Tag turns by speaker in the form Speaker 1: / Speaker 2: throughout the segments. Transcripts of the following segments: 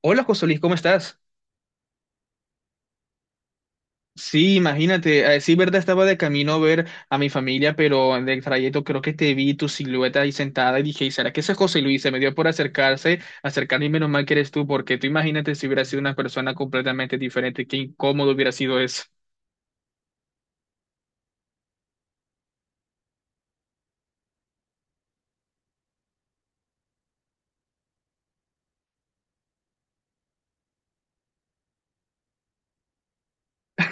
Speaker 1: Hola José Luis, ¿cómo estás? Sí, imagínate, sí, verdad, estaba de camino a ver a mi familia, pero en el trayecto creo que te vi tu silueta ahí sentada y dije, ¿será que ese es José Luis? Se me dio por acercarme y menos mal que eres tú, porque tú imagínate si hubiera sido una persona completamente diferente, qué incómodo hubiera sido eso.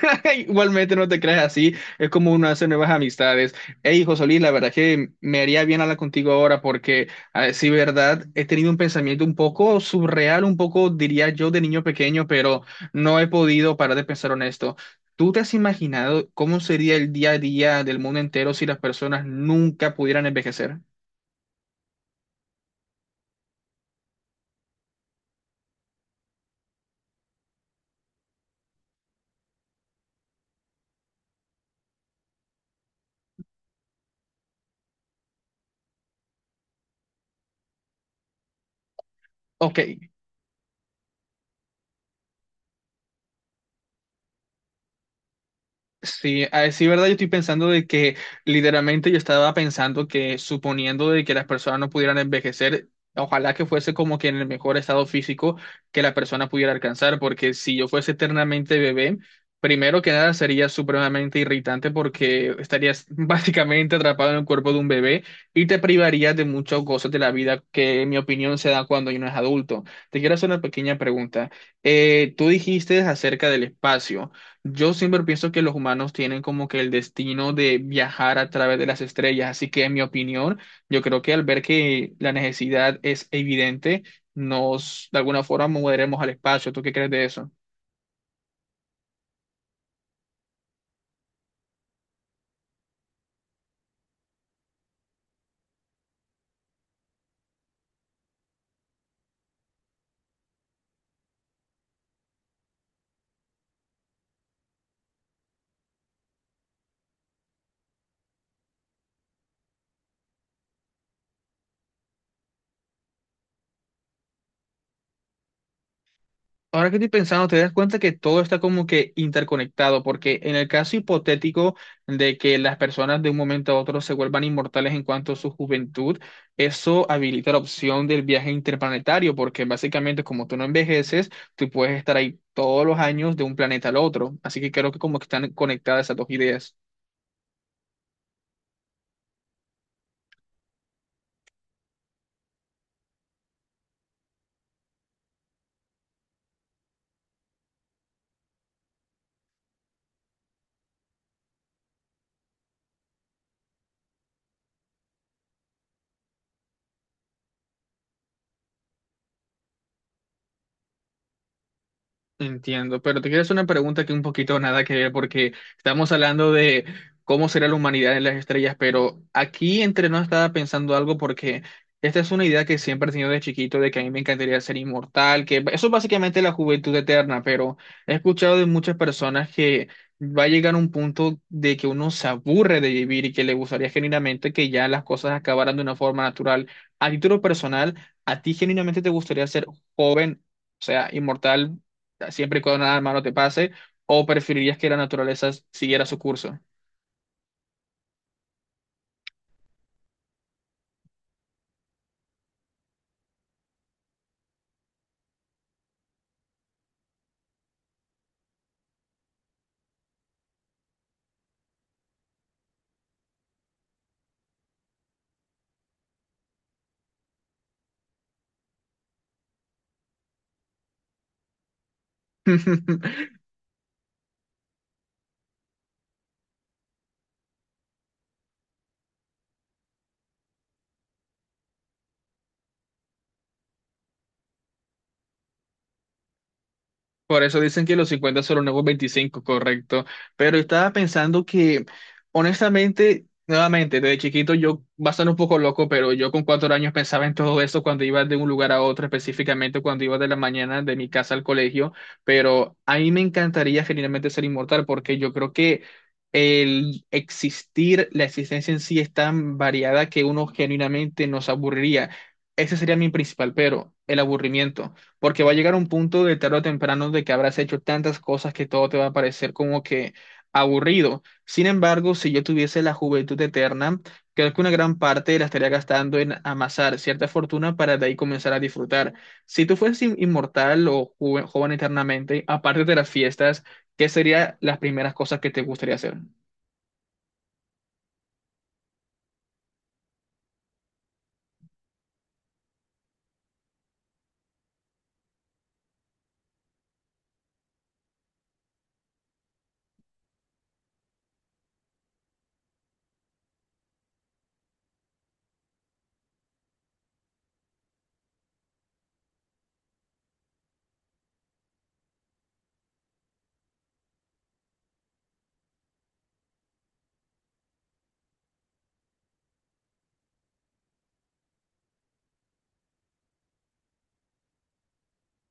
Speaker 1: Igualmente no te creas así, es como uno hace nuevas amistades. Hey, Solís, la verdad que me haría bien hablar contigo ahora porque, a decir verdad, he tenido un pensamiento un poco surreal, un poco, diría yo, de niño pequeño, pero no he podido parar de pensar en esto. ¿Tú te has imaginado cómo sería el día a día del mundo entero si las personas nunca pudieran envejecer? Ok. Sí, a decir verdad, yo estoy pensando de que literalmente yo estaba pensando que suponiendo de que las personas no pudieran envejecer, ojalá que fuese como que en el mejor estado físico que la persona pudiera alcanzar, porque si yo fuese eternamente bebé, primero que nada sería supremamente irritante porque estarías básicamente atrapado en el cuerpo de un bebé y te privarías de muchas cosas de la vida que en mi opinión se da cuando uno es adulto. Te quiero hacer una pequeña pregunta. Tú dijiste acerca del espacio. Yo siempre pienso que los humanos tienen como que el destino de viajar a través de las estrellas, así que en mi opinión, yo creo que al ver que la necesidad es evidente, nos de alguna forma moveremos al espacio. ¿Tú qué crees de eso? Ahora que estoy pensando, te das cuenta que todo está como que interconectado, porque en el caso hipotético de que las personas de un momento a otro se vuelvan inmortales en cuanto a su juventud, eso habilita la opción del viaje interplanetario, porque básicamente como tú no envejeces, tú puedes estar ahí todos los años de un planeta al otro. Así que creo que como que están conectadas esas dos ideas. Entiendo, pero te quiero hacer una pregunta que un poquito nada que ver, porque estamos hablando de cómo será la humanidad en las estrellas, pero aquí entre nos estaba pensando algo porque esta es una idea que siempre he tenido de chiquito, de que a mí me encantaría ser inmortal, que eso es básicamente la juventud eterna, pero he escuchado de muchas personas que va a llegar un punto de que uno se aburre de vivir y que le gustaría genuinamente que ya las cosas acabaran de una forma natural. A título personal, ¿a ti genuinamente te gustaría ser joven? O sea, ¿inmortal siempre y cuando nada malo te pase, o preferirías que la naturaleza siguiera su curso? Por eso dicen que los 50 son los nuevos 25, correcto. Pero estaba pensando que, honestamente, nuevamente, desde chiquito yo, va a sonar un poco loco, pero yo con 4 años pensaba en todo eso cuando iba de un lugar a otro, específicamente cuando iba de la mañana de mi casa al colegio. Pero a mí me encantaría genuinamente ser inmortal porque yo creo que el existir, la existencia en sí es tan variada que uno genuinamente nos aburriría. Ese sería mi principal pero, el aburrimiento, porque va a llegar un punto de tarde o temprano de que habrás hecho tantas cosas que todo te va a parecer como que aburrido. Sin embargo, si yo tuviese la juventud eterna, creo que una gran parte la estaría gastando en amasar cierta fortuna para de ahí comenzar a disfrutar. Si tú fueses inmortal o joven eternamente, aparte de las fiestas, ¿qué serían las primeras cosas que te gustaría hacer?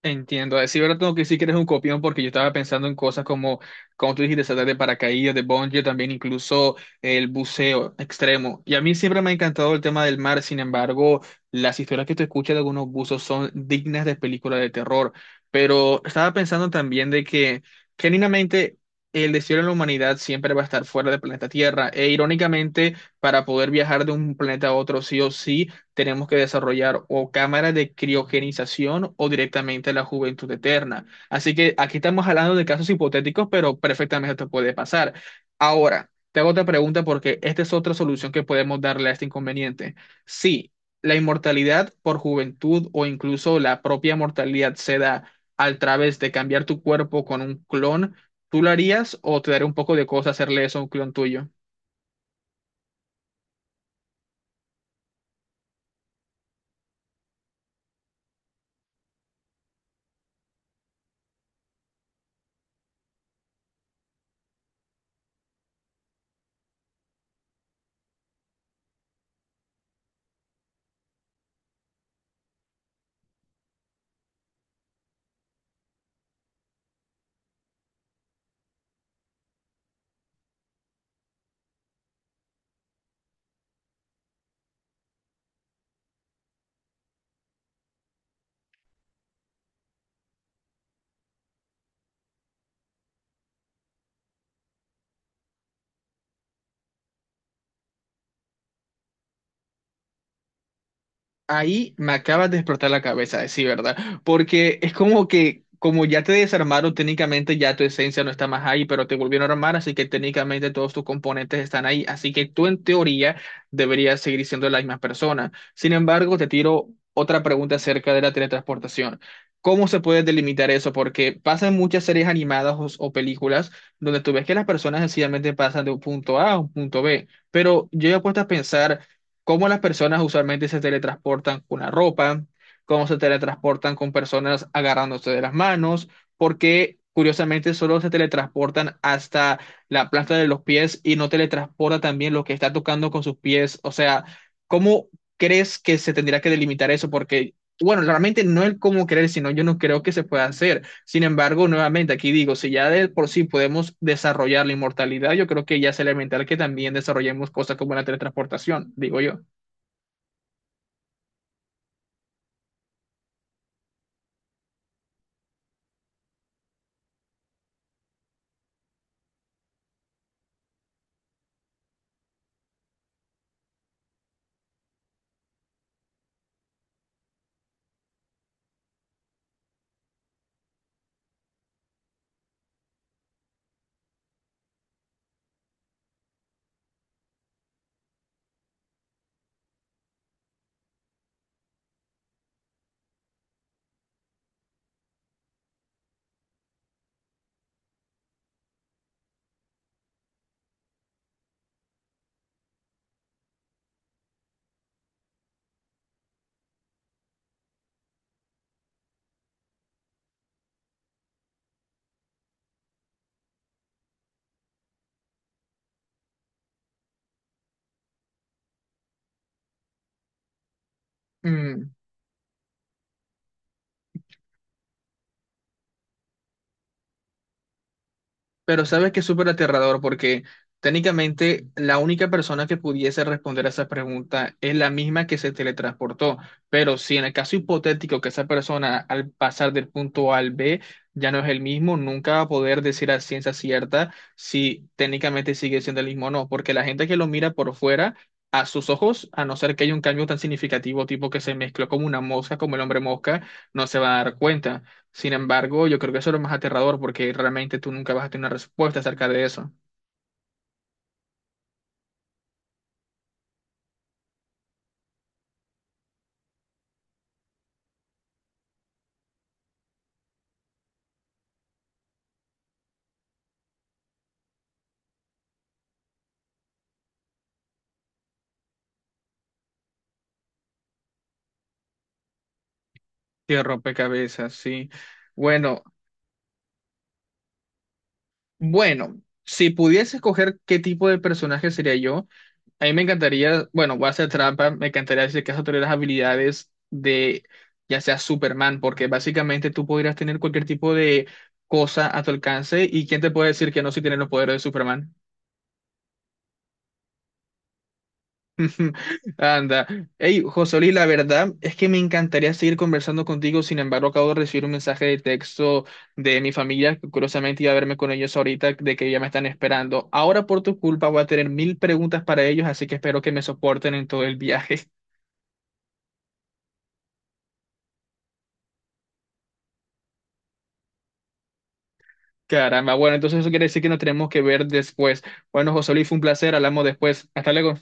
Speaker 1: Entiendo. Sí, ahora tengo que decir que eres un copión porque yo estaba pensando en cosas como tú dijiste, saltar de paracaídas, de bungee, también incluso el buceo extremo. Y a mí siempre me ha encantado el tema del mar, sin embargo, las historias que tú escuchas de algunos buzos son dignas de películas de terror. Pero estaba pensando también de que, genuinamente, el destino de la humanidad siempre va a estar fuera del planeta Tierra. E irónicamente, para poder viajar de un planeta a otro, sí o sí, tenemos que desarrollar o cámaras de criogenización o directamente la juventud eterna. Así que aquí estamos hablando de casos hipotéticos, pero perfectamente esto puede pasar. Ahora, te hago otra pregunta porque esta es otra solución que podemos darle a este inconveniente. Si la inmortalidad por juventud o incluso la propia mortalidad se da al través de cambiar tu cuerpo con un clon, ¿tú lo harías o te daría un poco de cosa hacerle eso a un clon tuyo? Ahí me acabas de explotar la cabeza, sí, ¿verdad? Porque es como que, como ya te desarmaron, técnicamente ya tu esencia no está más ahí, pero te volvieron a armar, así que técnicamente todos tus componentes están ahí, así que tú en teoría deberías seguir siendo la misma persona. Sin embargo, te tiro otra pregunta acerca de la teletransportación. ¿Cómo se puede delimitar eso? Porque pasan muchas series animadas o películas donde tú ves que las personas sencillamente pasan de un punto A a un punto B, pero yo he puesto a pensar cómo las personas usualmente se teletransportan con la ropa, cómo se teletransportan con personas agarrándose de las manos, porque curiosamente solo se teletransportan hasta la planta de los pies y no teletransporta también lo que está tocando con sus pies. O sea, ¿cómo crees que se tendría que delimitar eso? Porque, bueno, realmente no el cómo creer, sino yo no creo que se pueda hacer. Sin embargo, nuevamente aquí digo, si ya de por sí podemos desarrollar la inmortalidad, yo creo que ya es elemental que también desarrollemos cosas como la teletransportación, digo yo. Mm. Pero sabes que es súper aterrador porque técnicamente la única persona que pudiese responder a esa pregunta es la misma que se teletransportó. Pero si en el caso hipotético que esa persona al pasar del punto A al B ya no es el mismo, nunca va a poder decir a ciencia cierta si técnicamente sigue siendo el mismo o no. Porque la gente que lo mira por fuera, a sus ojos, a no ser que haya un cambio tan significativo, tipo que se mezcló como una mosca, como el hombre mosca, no se va a dar cuenta. Sin embargo, yo creo que eso es lo más aterrador porque realmente tú nunca vas a tener una respuesta acerca de eso. Qué rompecabezas, sí. Bueno, bueno, si pudiese escoger qué tipo de personaje sería yo, a mí me encantaría, bueno, voy a hacer trampa, me encantaría decir que eso tener las habilidades de ya sea Superman, porque básicamente tú podrías tener cualquier tipo de cosa a tu alcance y quién te puede decir que no si tienes los poderes de Superman. Anda. Hey, Josoli, la verdad es que me encantaría seguir conversando contigo. Sin embargo, acabo de recibir un mensaje de texto de mi familia, que curiosamente iba a verme con ellos ahorita, de que ya me están esperando. Ahora, por tu culpa, voy a tener 1000 preguntas para ellos, así que espero que me soporten en todo el viaje. Caramba. Bueno, entonces eso quiere decir que nos tenemos que ver después. Bueno, Josoli, fue un placer. Hablamos después. Hasta luego.